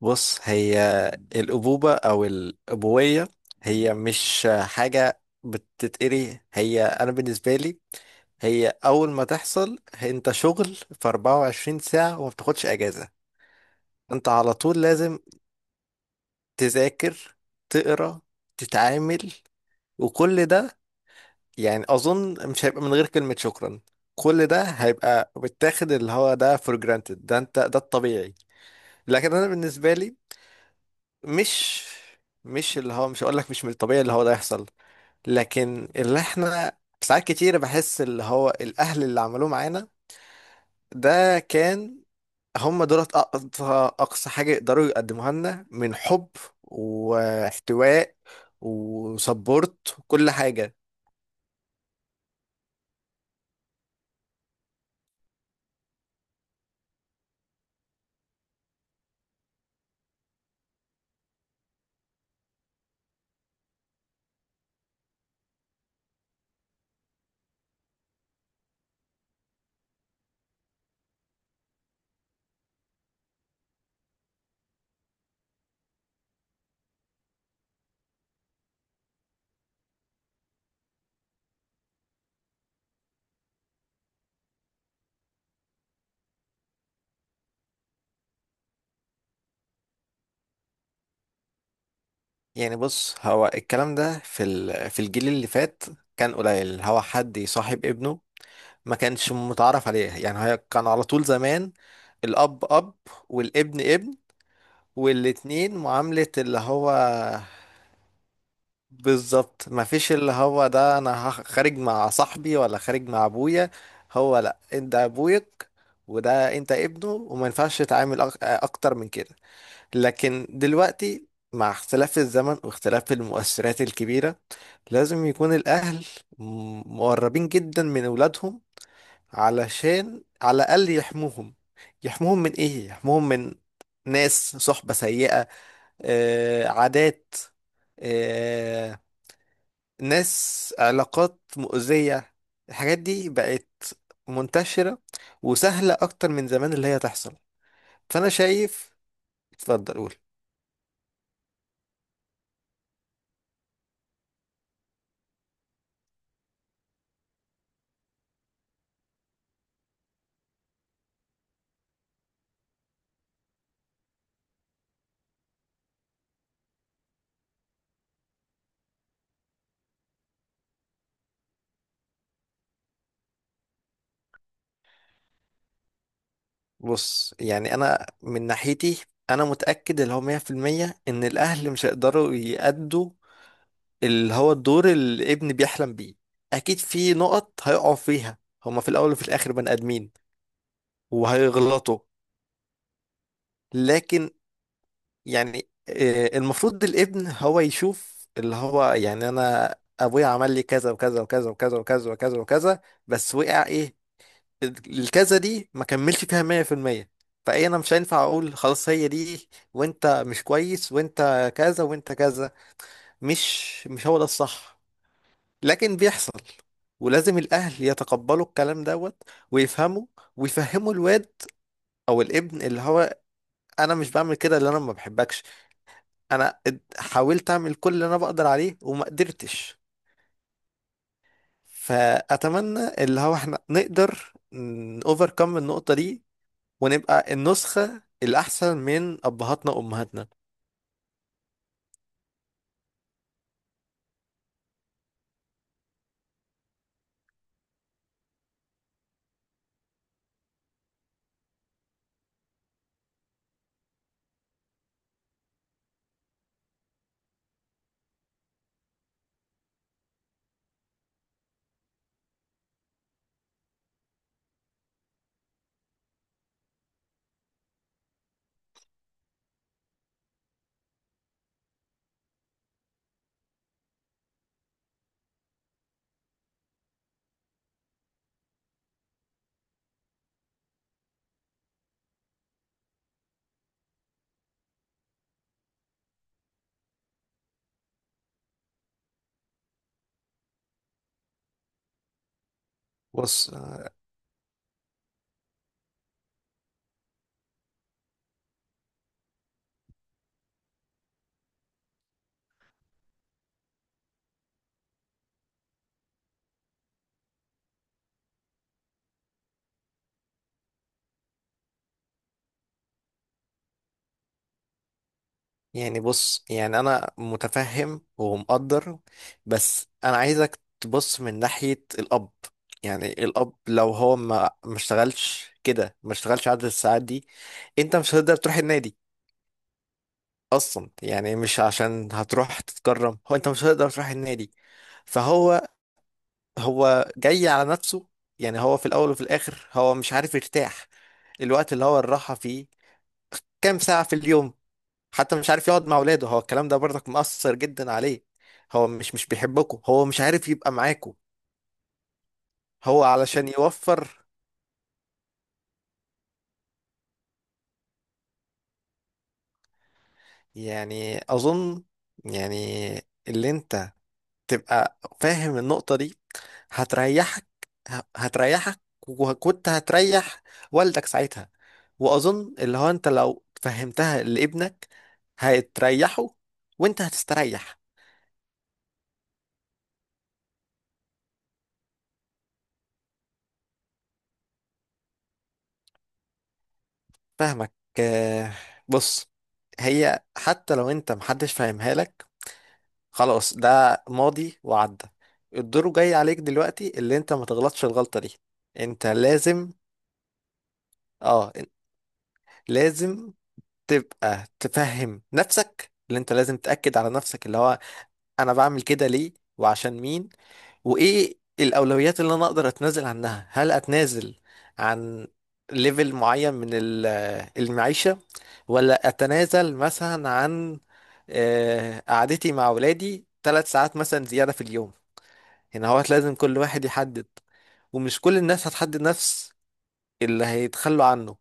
بص هي الأبوبة أو الأبوية هي مش حاجة بتتقري، هي أنا بالنسبة لي هي أول ما تحصل أنت شغل في 24 ساعة وما بتاخدش أجازة. أنت على طول لازم تذاكر، تقرا، تتعامل، وكل ده. يعني أظن مش هيبقى من غير كلمة شكرا، كل ده هيبقى بتاخد اللي هو ده فور جرانتد، ده انت ده الطبيعي. لكن انا بالنسبه لي مش مش اللي هو مش هقول لك مش من الطبيعي اللي هو ده يحصل، لكن اللي احنا ساعات كتير بحس اللي هو الاهل اللي عملوه معانا ده كان، هم دولت اقصى اقصى حاجة يقدروا يقدموها لنا من حب واحتواء وسبورت وكل حاجة. يعني بص، هو الكلام ده في الجيل اللي فات كان قليل هو حد يصاحب ابنه، ما كانش متعرف عليه. يعني هي كان على طول زمان الأب أب والابن ابن، والاتنين معاملة اللي هو بالظبط، مفيش اللي هو ده انا خارج مع صاحبي ولا خارج مع ابويا. هو لا، انت ابوك وده انت ابنه، وما ينفعش تتعامل اكتر من كده. لكن دلوقتي مع اختلاف الزمن واختلاف المؤثرات الكبيرة لازم يكون الاهل مقربين جدا من اولادهم، علشان على الاقل يحموهم. يحموهم من ايه؟ يحموهم من ناس صحبة سيئة، عادات، آه، ناس علاقات مؤذية. الحاجات دي بقت منتشرة وسهلة أكتر من زمان اللي هي تحصل. فأنا شايف، اتفضل قول. بص يعني أنا من ناحيتي أنا متأكد اللي هو مية في المية إن الأهل مش هيقدروا يأدوا اللي هو الدور اللي الابن بيحلم بيه أكيد في نقط هيقعوا فيها هما في الأول وفي الآخر بني آدمين وهيغلطوا لكن يعني آه، المفروض الابن هو يشوف اللي هو يعني انا ابويا عمل لي كذا وكذا وكذا وكذا وكذا وكذا وكذا بس وقع ايه الكذا دي ما كملش فيها 100% فايه انا مش هينفع اقول خلاص هي دي وانت مش كويس وانت كذا وانت كذا مش مش هو ده الصح لكن بيحصل ولازم الاهل يتقبلوا الكلام دوت ويفهموا ويفهموا الواد او الابن اللي هو انا مش بعمل كده اللي انا ما بحبكش انا اد- حاولت اعمل كل اللي انا بقدر عليه وما قدرتش فاتمنى اللي هو احنا نقدر اوفركم النقطة دي ونبقى النسخة الاحسن من ابهاتنا وامهاتنا بص يعني، انا متفهم ومقدر، بس انا عايزك تبص من ناحية الاب. يعني الاب لو هو ما اشتغلش كده، ما اشتغلش عدد الساعات دي انت مش هتقدر تروح النادي اصلا. يعني مش عشان هتروح تتكرم، هو انت مش هتقدر تروح النادي. فهو، هو جاي على نفسه. يعني هو في الاول وفي الاخر هو مش عارف يرتاح. الوقت اللي هو الراحة فيه كام ساعة في اليوم؟ حتى مش عارف يقعد مع اولاده، هو الكلام ده برضك مؤثر جدا عليه. هو مش بيحبكم، هو مش عارف يبقى معاكم، هو علشان يوفر. يعني اظن، يعني اللي انت تبقى فاهم النقطة دي هتريحك، هتريحك وكنت هتريح والدك ساعتها. وأظن اللي هو أنت لو فهمتها لابنك هتريحه وأنت هتستريح. فاهمك. آه، بص، هي حتى لو أنت محدش فاهمها لك، خلاص ده ماضي وعدى. الدور جاي عليك دلوقتي اللي أنت ما تغلطش الغلطة دي. أنت لازم، اه، لازم تبقى تفهم نفسك اللي انت لازم تأكد على نفسك اللي هو انا بعمل كده ليه وعشان مين، وايه الاولويات اللي انا اقدر اتنازل عنها. هل اتنازل عن ليفل معين من المعيشة، ولا اتنازل مثلا عن قعدتي مع ولادي ثلاث ساعات مثلا زيادة في اليوم؟ هنا هو لازم كل واحد يحدد، ومش كل الناس هتحدد نفس اللي هيتخلوا عنه.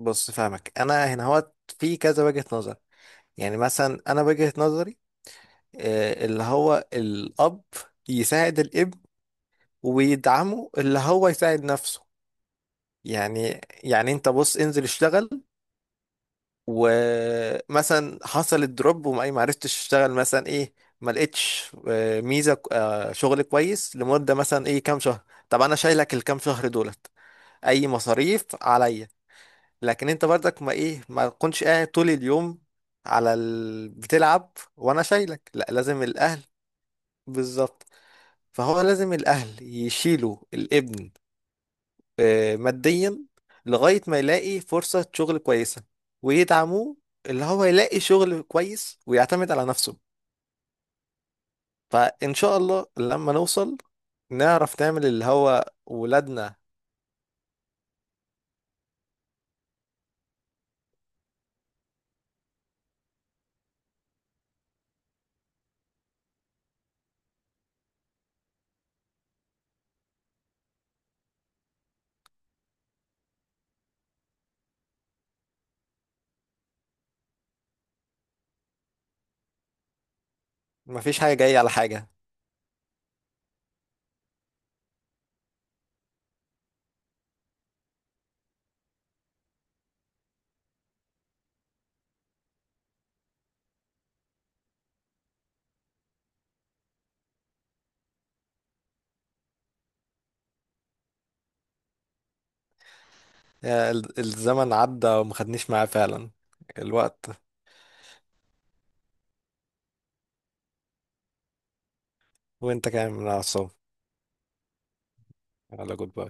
بص فاهمك، انا هنا هو في كذا وجهة نظر. يعني مثلا انا وجهة نظري اللي هو الاب يساعد الابن ويدعمه اللي هو يساعد نفسه. يعني يعني انت بص، انزل اشتغل. ومثلا حصل الدروب وما ما عرفتش اشتغل مثلا ايه، ما لقيتش ميزة، شغل كويس لمدة مثلا ايه كام شهر، طب انا شايلك الكام شهر دولت، اي مصاريف عليا. لكن انت برضك ما ايه، ما تكونش قاعد طول اليوم على ال... بتلعب وانا شايلك، لا لازم الاهل بالظبط. فهو لازم الأهل يشيلوا الابن ماديا لغاية ما يلاقي فرصة شغل كويسة، ويدعموه اللي هو يلاقي شغل كويس ويعتمد على نفسه. فإن شاء الله لما نوصل نعرف نعمل اللي هو ولادنا مفيش حاجة جاية على حاجة. الزمن عدى وما خدنيش معاه فعلا الوقت. وانت كمان من على الصوت، على جود باي.